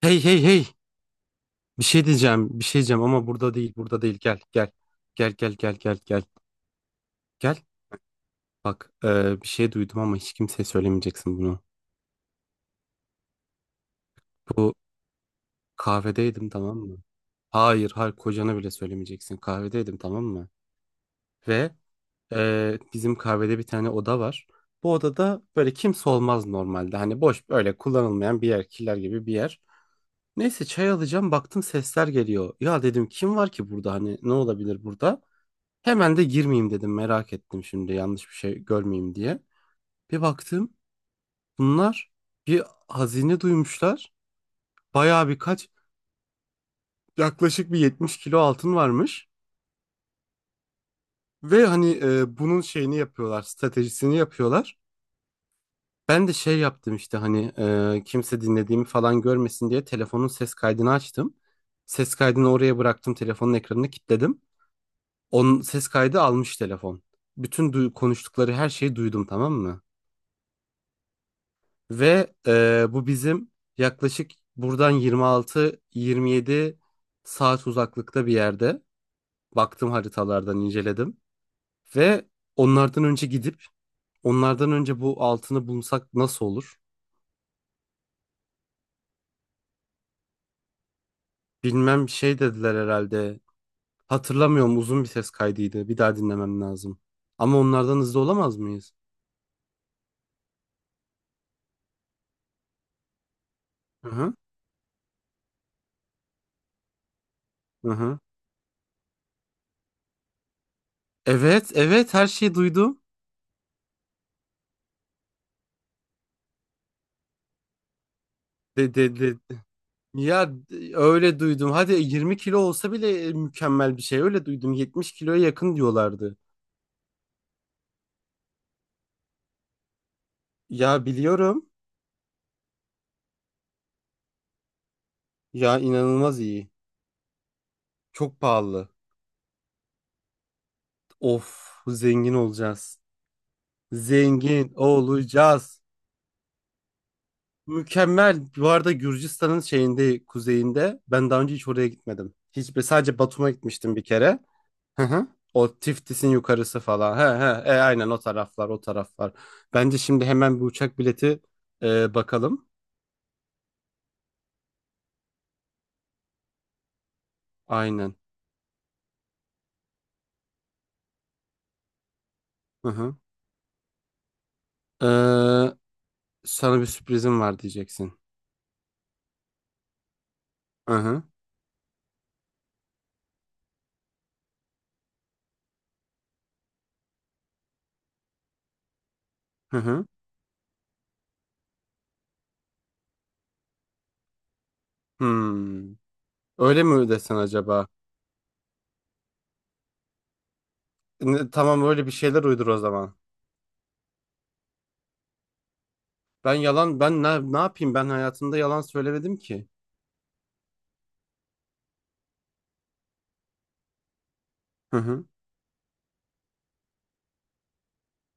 Hey hey hey. Bir şey diyeceğim. Bir şey diyeceğim ama burada değil. Burada değil. Gel gel. Gel gel gel gel gel. Gel. Bak, bir şey duydum ama hiç kimseye söylemeyeceksin bunu. Bu kahvedeydim, tamam mı? Hayır hayır, kocana bile söylemeyeceksin. Kahvedeydim, tamam mı? Ve bizim kahvede bir tane oda var. Bu odada böyle kimse olmaz normalde. Hani boş, böyle kullanılmayan bir yer. Killer gibi bir yer. Neyse, çay alacağım, baktım sesler geliyor. Ya dedim, kim var ki burada, hani ne olabilir burada? Hemen de girmeyeyim dedim, merak ettim şimdi yanlış bir şey görmeyeyim diye. Bir baktım bunlar bir hazine duymuşlar. Bayağı birkaç, yaklaşık bir 70 kilo altın varmış. Ve hani, bunun şeyini yapıyorlar, stratejisini yapıyorlar. Ben de şey yaptım işte, hani kimse dinlediğimi falan görmesin diye telefonun ses kaydını açtım. Ses kaydını oraya bıraktım, telefonun ekranını kilitledim. Onun ses kaydı almış telefon. Bütün konuştukları her şeyi duydum, tamam mı? Ve bu bizim yaklaşık buradan 26-27 saat uzaklıkta bir yerde. Baktım, haritalardan inceledim. Ve onlardan önce gidip, onlardan önce bu altını bulsak nasıl olur? Bilmem, şey dediler herhalde. Hatırlamıyorum, uzun bir ses kaydıydı. Bir daha dinlemem lazım. Ama onlardan hızlı olamaz mıyız? Hı hı. Hı hı. Evet, evet her şeyi duydum. De, de, de- Ya öyle duydum. Hadi 20 kilo olsa bile mükemmel bir şey. Öyle duydum. 70 kiloya yakın diyorlardı. Ya biliyorum. Ya inanılmaz iyi. Çok pahalı. Of, zengin olacağız. Zengin olacağız. Mükemmel. Bu arada Gürcistan'ın şeyinde, kuzeyinde. Ben daha önce hiç oraya gitmedim. Hiç, sadece Batum'a gitmiştim bir kere. Hı hı. O Tiftis'in yukarısı falan. He he. Aynen o taraflar, o taraflar. Bence şimdi hemen bir uçak bileti bakalım. Aynen. Hı hı. Ee, Sana bir sürprizim var diyeceksin. Hı hı. Hı hı. Hmm. Öyle mi desen acaba? Ne- tamam, öyle bir şeyler uydur o zaman. Ben yalan, ben ne, ne yapayım, ben hayatımda yalan söylemedim ki. Hı hı.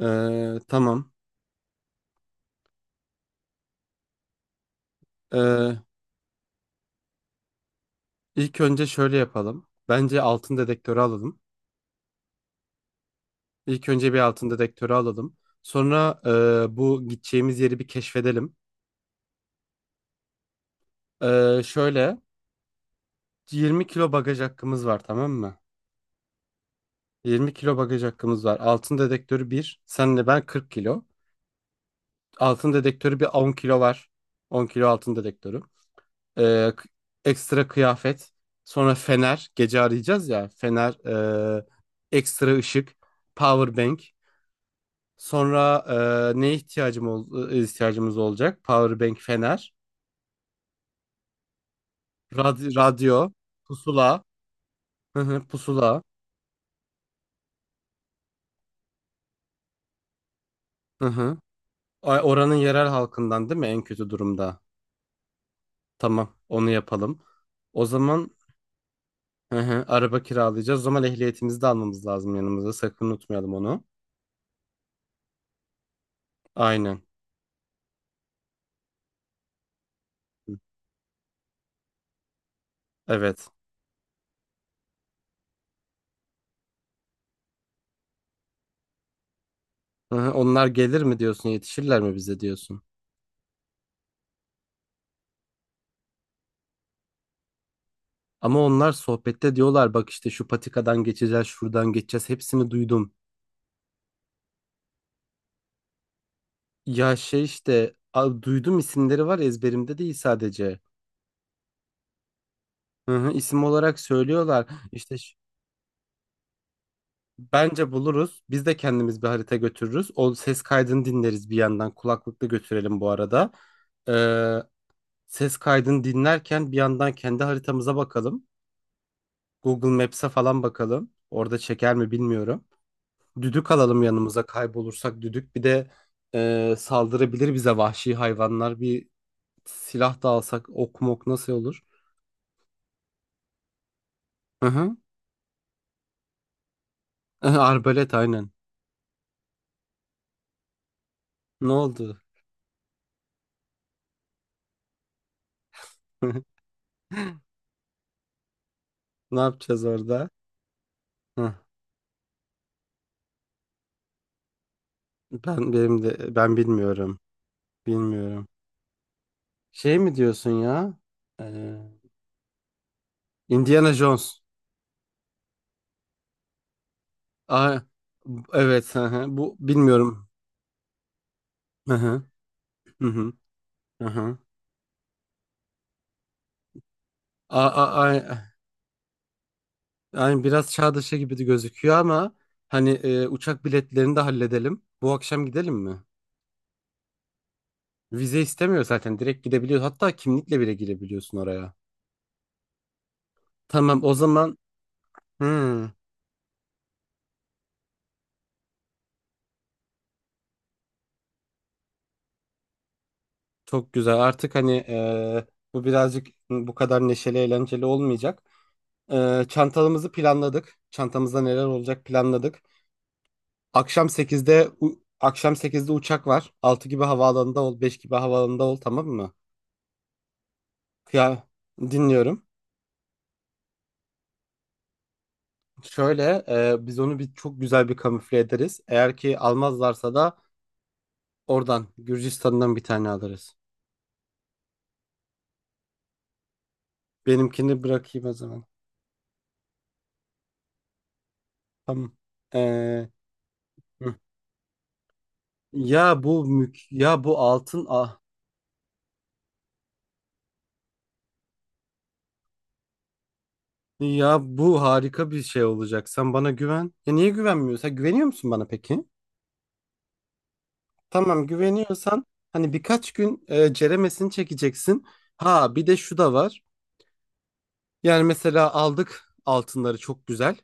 Tamam. Ee, ilk önce şöyle yapalım. Bence altın dedektörü alalım. İlk önce bir altın dedektörü alalım. Sonra bu gideceğimiz yeri bir keşfedelim. Şöyle 20 kilo bagaj hakkımız var, tamam mı? 20 kilo bagaj hakkımız var. Altın dedektörü 1. Senle ben 40 kilo. Altın dedektörü bir 10 kilo var. 10 kilo altın dedektörü. Ee, k- Ekstra kıyafet. Sonra fener. Gece arayacağız ya. Fener. ee, Ekstra ışık. Power bank. Sonra neye ihtiyacım ol- e, ihtiyacımız olacak? Power bank, fener. Radyo. Pusula. Hı hı, pusula. Hı hı. Ay, oranın yerel halkından değil mi en kötü durumda? Tamam, onu yapalım. O zaman, hı hı, araba kiralayacağız. O zaman ehliyetimizi de almamız lazım yanımıza. Sakın unutmayalım onu. Aynen. Hı. Evet. Hı hı, onlar gelir mi diyorsun, yetişirler mi bize diyorsun. Ama onlar sohbette diyorlar, bak işte şu patikadan geçeceğiz, şuradan geçeceğiz. Hepsini duydum. Ya şey işte, duydum, isimleri var, ezberimde değil sadece. Hı hı, isim olarak söylüyorlar. Bence buluruz. Biz de kendimiz bir harita götürürüz. O ses kaydını dinleriz bir yandan. Kulaklıkla götürelim bu arada. Ses kaydını dinlerken bir yandan kendi haritamıza bakalım. Google Maps'e falan bakalım. Orada çeker mi bilmiyorum. Düdük alalım yanımıza, kaybolursak düdük. Bir de saldırabilir bize vahşi hayvanlar. Bir silah da alsak, ok mok nasıl olur? Hı hı. Arbalet, aynen. Ne oldu? Ne yapacağız orada? Hı. Ben, benim de, ben bilmiyorum. Bilmiyorum. Şey mi diyorsun ya? Ee, Indiana Jones. Aa, evet. Hı hı. Bu bilmiyorum. Hı hı. Hı hı. Hı hı. A, a, a, Yani biraz çağ dışı gibi de gözüküyor ama hani, uçak biletlerini de halledelim. Bu akşam gidelim mi? Vize istemiyor zaten. Direkt gidebiliyor. Hatta kimlikle bile girebiliyorsun oraya. Tamam, o zaman hmm, çok güzel. Artık hani bu birazcık bu kadar neşeli eğlenceli olmayacak. Çantalarımızı planladık. Çantamızda neler olacak planladık. Akşam sekizde uçak var. 6 gibi havaalanında ol, 5 gibi havaalanında ol, tamam mı? Ya, dinliyorum. Şöyle biz onu bir çok güzel bir kamufle ederiz. Eğer ki almazlarsa da oradan Gürcistan'dan bir tane alırız. Benimkini bırakayım o zaman. Tamam. E, hı. Ya bu ya bu altın, ya bu harika bir şey olacak. Sen bana güven. Ya niye güvenmiyorsun? Güveniyor musun bana peki? Tamam, güveniyorsan hani birkaç gün ceremesini çekeceksin. Ha bir de şu da var. Yani mesela aldık altınları, çok güzel.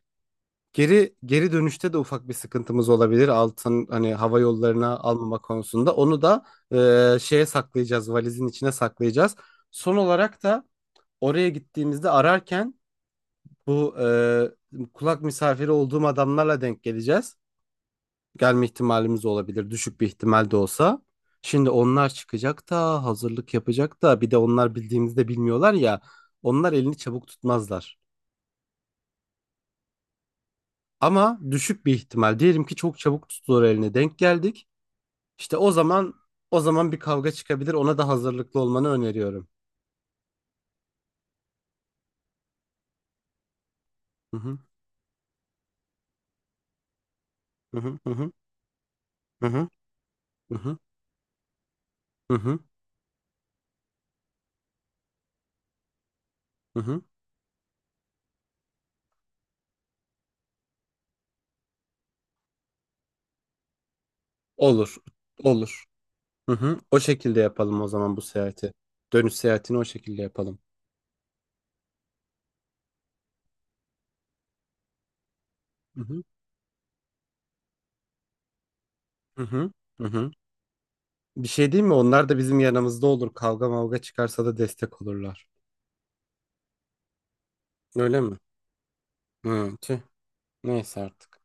Geri geri dönüşte de ufak bir sıkıntımız olabilir. Altın hani hava yollarına almama konusunda. Onu da şeye saklayacağız. Valizin içine saklayacağız. Son olarak da oraya gittiğimizde ararken bu kulak misafiri olduğum adamlarla denk geleceğiz. Gelme ihtimalimiz olabilir. Düşük bir ihtimal de olsa. Şimdi onlar çıkacak da hazırlık yapacak da, bir de onlar bildiğimizde bilmiyorlar ya. Onlar elini çabuk tutmazlar. Ama düşük bir ihtimal. Diyelim ki çok çabuk tuttular, eline denk geldik. İşte o zaman bir kavga çıkabilir. Ona da hazırlıklı olmanı öneriyorum. Hı hı hı hı hı hı hı hı hı hı hı hı hı. Olur. Olur. Hı hı. O şekilde yapalım o zaman bu seyahati. Dönüş seyahatini o şekilde yapalım. Hı hı hı hı hı hı. Bir şey değil mi? Onlar da bizim yanımızda olur. Kavga mavga çıkarsa da destek olurlar. Öyle mi? Hı. Tüh. Neyse artık.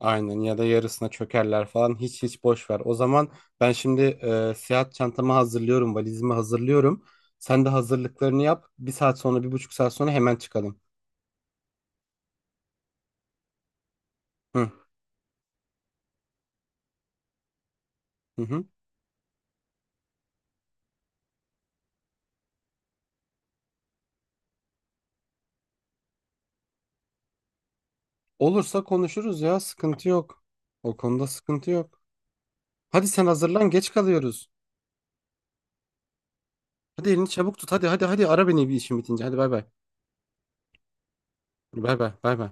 Aynen, ya da yarısına çökerler falan, hiç hiç boş ver. O zaman ben şimdi seyahat çantamı hazırlıyorum, valizimi hazırlıyorum. Sen de hazırlıklarını yap. Bir saat sonra, bir buçuk saat sonra hemen çıkalım. Hı hı. Hı. Olursa konuşuruz ya, sıkıntı yok. O konuda sıkıntı yok. Hadi sen hazırlan, geç kalıyoruz. Hadi elini çabuk tut. Hadi hadi hadi ara beni bir işim bitince. Hadi bay bay. Bay bay bay bay.